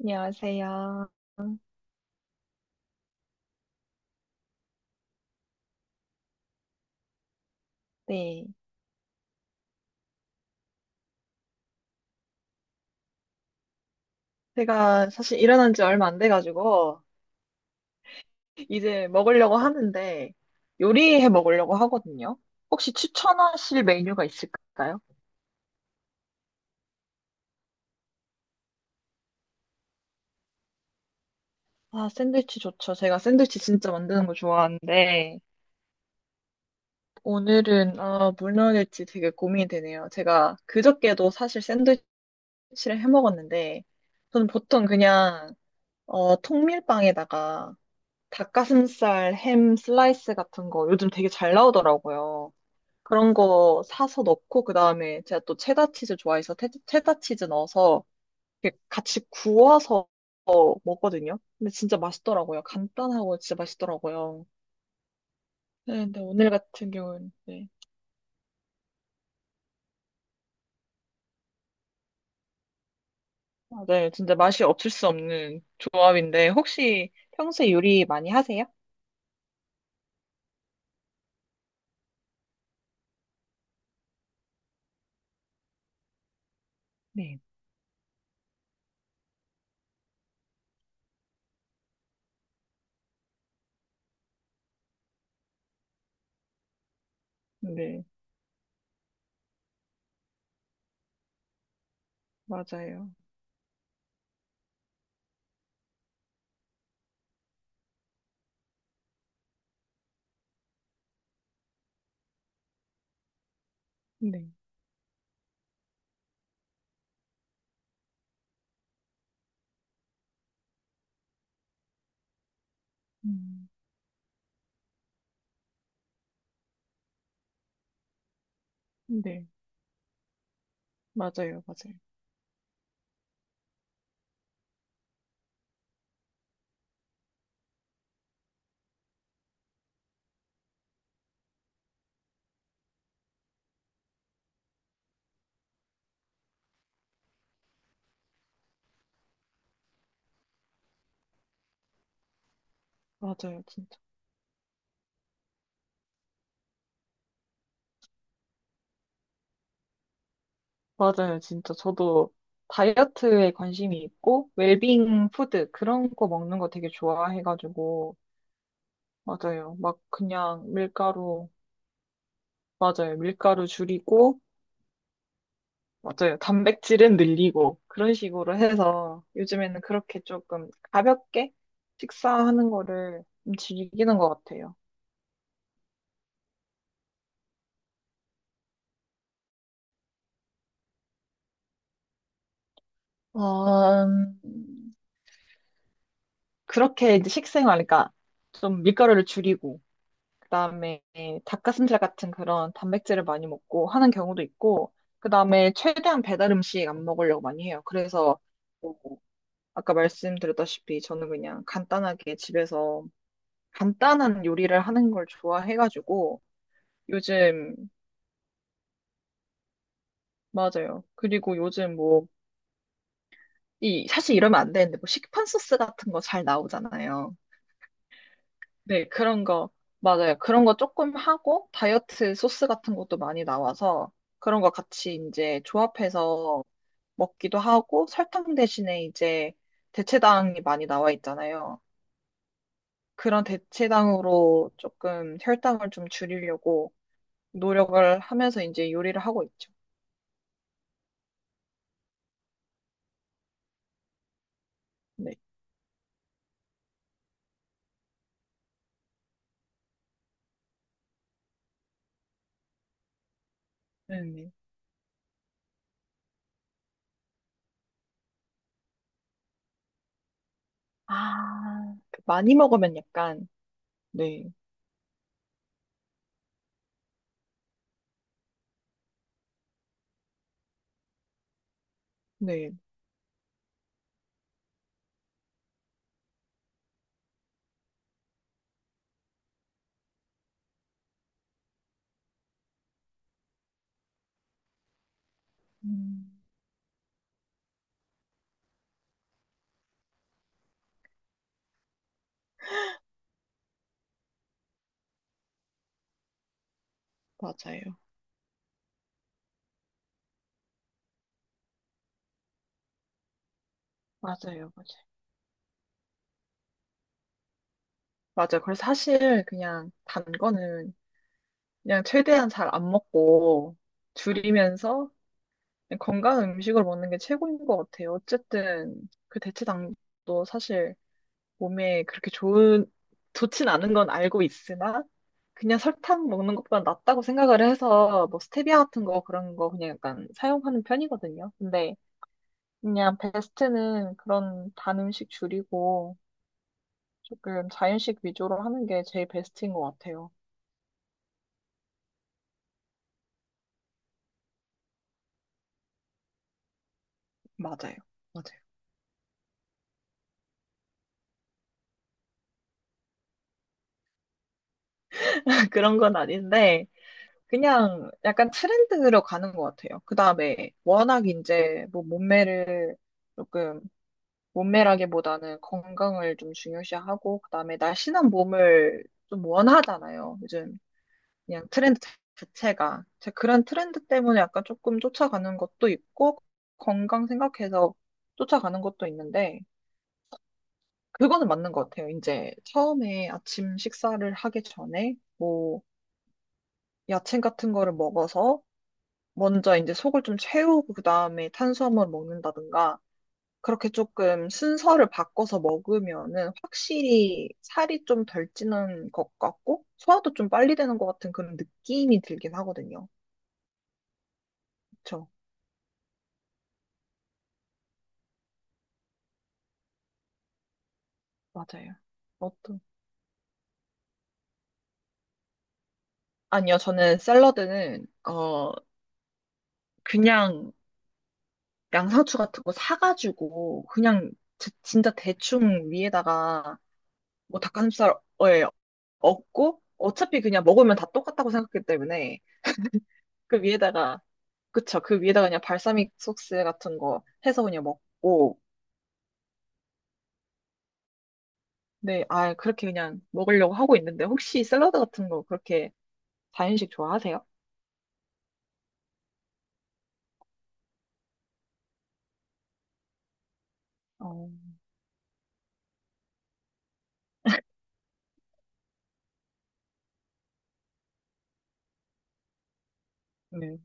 안녕하세요. 네. 제가 사실 일어난 지 얼마 안 돼가지고, 이제 먹으려고 하는데, 요리해 먹으려고 하거든요. 혹시 추천하실 메뉴가 있을까요? 아, 샌드위치 좋죠. 제가 샌드위치 진짜 만드는 거 좋아하는데, 오늘은, 아, 뭘 넣을지 되게 고민이 되네요. 제가 그저께도 사실 샌드위치를 해 먹었는데, 저는 보통 그냥, 통밀빵에다가 닭가슴살, 햄 슬라이스 같은 거 요즘 되게 잘 나오더라고요. 그런 거 사서 넣고 그다음에 제가 또 체다 치즈 좋아해서 체다 치즈 넣어서 이렇게 같이 구워서 먹거든요. 근데 진짜 맛있더라고요. 간단하고 진짜 맛있더라고요. 네, 근데 오늘 같은 경우는 네. 아, 네, 진짜 맛이 없을 수 없는 조합인데 혹시 평소에 요리 많이 하세요? 네. 네, 맞아요. 네. 음, 네, 맞아요, 맞아요. 맞아요, 진짜. 맞아요, 진짜. 저도 다이어트에 관심이 있고, 웰빙 푸드, 그런 거 먹는 거 되게 좋아해가지고, 맞아요. 막 그냥 밀가루, 맞아요. 밀가루 줄이고, 맞아요. 단백질은 늘리고, 그런 식으로 해서 요즘에는 그렇게 조금 가볍게 식사하는 거를 좀 즐기는 것 같아요. 어, 음, 그렇게 이제 식생활, 그러니까 좀 밀가루를 줄이고, 그다음에 닭가슴살 같은 그런 단백질을 많이 먹고 하는 경우도 있고, 그다음에 최대한 배달 음식 안 먹으려고 많이 해요. 그래서 뭐 아까 말씀드렸다시피 저는 그냥 간단하게 집에서 간단한 요리를 하는 걸 좋아해가지고 요즘 맞아요. 그리고 요즘 뭐 이 사실 이러면 안 되는데 뭐 시판 소스 같은 거 잘 나오잖아요. 네, 그런 거, 맞아요. 그런 거 조금 하고, 다이어트 소스 같은 것도 많이 나와서, 그런 거 같이 이제 조합해서 먹기도 하고, 설탕 대신에 이제 대체당이 많이 나와 있잖아요. 그런 대체당으로 조금 혈당을 좀 줄이려고 노력을 하면서 이제 요리를 하고 있죠. 네. 네. 네. 아, 많이 먹으면 약간, 네, 네. 음, 맞아요. 맞아요, 맞아요. 맞아요. 그래서 사실 그냥 단 거는 그냥 최대한 잘 안 먹고 줄이면서 그냥 건강한 음식을 먹는 게 최고인 것 같아요. 어쨌든 그 대체당도 사실 몸에 그렇게 좋은, 좋진 않은 건 알고 있으나 그냥 설탕 먹는 것보다 낫다고 생각을 해서 뭐 스테비아 같은 거 그런 거 그냥 약간 사용하는 편이거든요. 근데 그냥 베스트는 그런 단 음식 줄이고 조금 자연식 위주로 하는 게 제일 베스트인 것 같아요. 맞아요. 맞아요. 그런 건 아닌데 그냥 약간 트렌드로 가는 것 같아요. 그 다음에 워낙 이제 뭐 몸매를 조금 몸매라기보다는 건강을 좀 중요시하고 그 다음에 날씬한 몸을 좀 원하잖아요. 요즘 그냥 트렌드 자체가 제 그런 트렌드 때문에 약간 조금 쫓아가는 것도 있고 건강 생각해서 쫓아가는 것도 있는데 그거는 맞는 것 같아요. 이제 처음에 아침 식사를 하기 전에 뭐 야채 같은 거를 먹어서 먼저 이제 속을 좀 채우고 그다음에 탄수화물 먹는다든가 그렇게 조금 순서를 바꿔서 먹으면은 확실히 살이 좀 덜 찌는 것 같고 소화도 좀 빨리 되는 것 같은 그런 느낌이 들긴 하거든요. 그쵸? 맞아요. 어떤? 아니요, 저는 샐러드는 그냥 양상추 같은 거 사가지고 그냥 진짜 대충 위에다가 뭐 닭가슴살을 얹고 어차피 그냥 먹으면 다 똑같다고 생각하기 때문에 그 위에다가, 그쵸. 그 위에다가 그냥 발사믹 소스 같은 거 해서 그냥 먹고, 네, 아, 그렇게 그냥 먹으려고 하고 있는데, 혹시 샐러드 같은 거 그렇게 자연식 좋아하세요? 어, 네.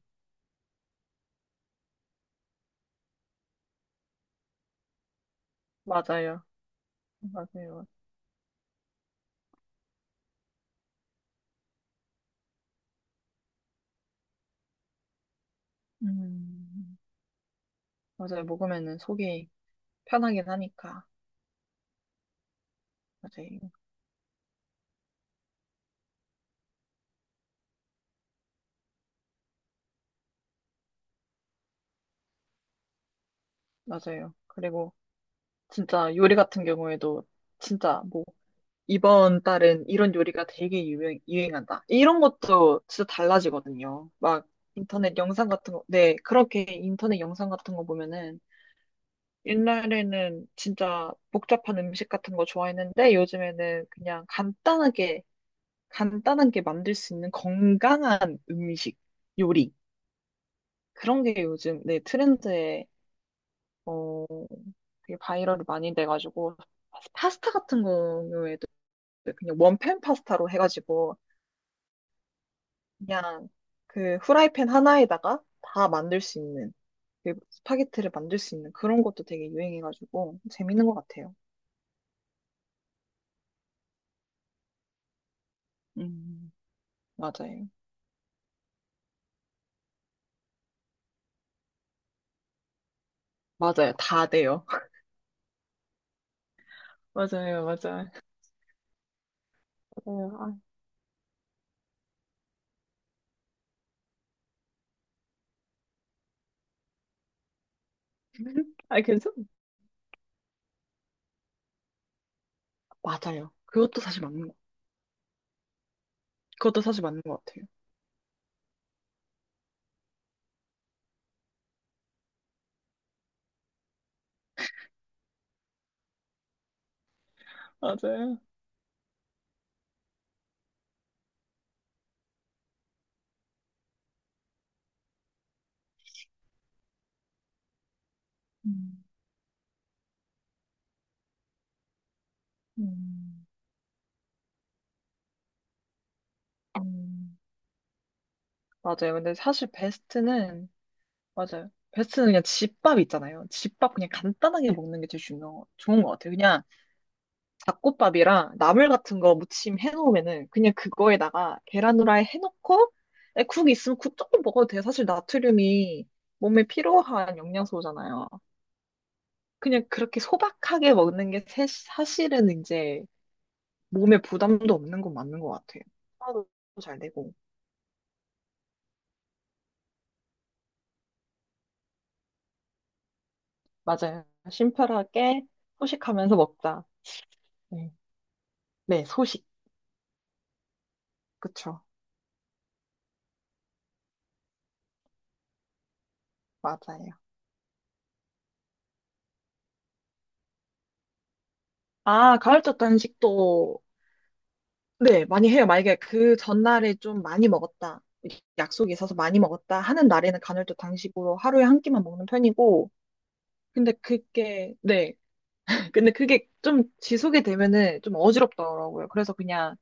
맞아요. 맞아요. 음, 맞아요. 먹으면은 속이 편하긴 하니까. 맞아요. 맞아요. 그리고 진짜 요리 같은 경우에도 진짜 뭐 이번 달은 이런 요리가 되게 유행한다. 이런 것도 진짜 달라지거든요. 막 인터넷 영상 같은 거, 네, 그렇게 인터넷 영상 같은 거 보면은 옛날에는 진짜 복잡한 음식 같은 거 좋아했는데 요즘에는 간단하게 만들 수 있는 건강한 음식, 요리. 그런 게 요즘, 네, 트렌드에, 어, 되게 바이럴이 많이 돼가지고 파스타 같은 경우에도 그냥 원팬 파스타로 해가지고 그냥 그 후라이팬 하나에다가 다 만들 수 있는, 그 스파게티를 만들 수 있는 그런 것도 되게 유행해가지고 재밌는 것 같아요. 음, 맞아요. 맞아요. 다 돼요. 맞아요. 맞아요. 맞아요. 아, 아, 괜찮? 맞아요. 그것도 사실 맞는 거. 그것도 사실 맞는 것 같아요. 맞아요. 음, 음, 음. 맞아요. 근데 사실 베스트는 맞아요. 베스트는 그냥 집밥 있잖아요. 집밥 그냥 간단하게 먹는 게 제일 중요, 좋은 것 같아요. 그냥 잡곡밥이랑 나물 같은 거 무침 해놓으면은 그냥 그거에다가 계란 후라이 해놓고 에, 국 있으면 국 조금 먹어도 돼. 사실 나트륨이 몸에 필요한 영양소잖아요. 그냥 그렇게 소박하게 먹는 게 사실은 이제 몸에 부담도 없는 건 맞는 것 같아요. 소화도 잘 되고. 맞아요. 심플하게 소식하면서 먹자. 네, 네, 소식. 그쵸. 맞아요. 아, 가을적 단식도 네, 많이 해요. 만약에 그 전날에 좀 많이 먹었다, 약속이 있어서 많이 먹었다 하는 날에는 간헐적 단식으로 하루에 한 끼만 먹는 편이고, 네, 근데 그게 좀 지속이 되면은 좀 어지럽더라고요. 그래서 그냥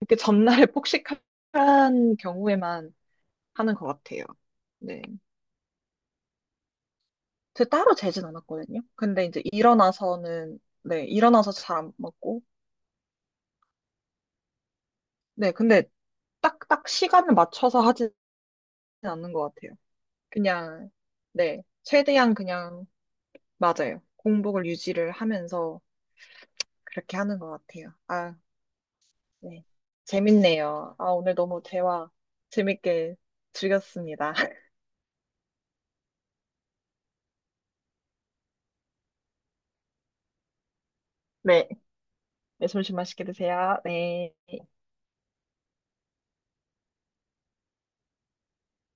그렇게 전날에 폭식한 경우에만 하는 것 같아요. 네. 제 따로 재진 않았거든요. 근데 이제 일어나서는, 네, 일어나서 잘 안 먹고, 네, 근데 딱 시간을 맞춰서 하진 않는 것 같아요. 그냥, 네, 최대한 그냥, 맞아요. 공복을 유지를 하면서 그렇게 하는 것 같아요. 아, 네. 재밌네요. 아, 오늘 너무 대화 재밌게 즐겼습니다. 네, 네, 점심 맛있게 드세요. 네.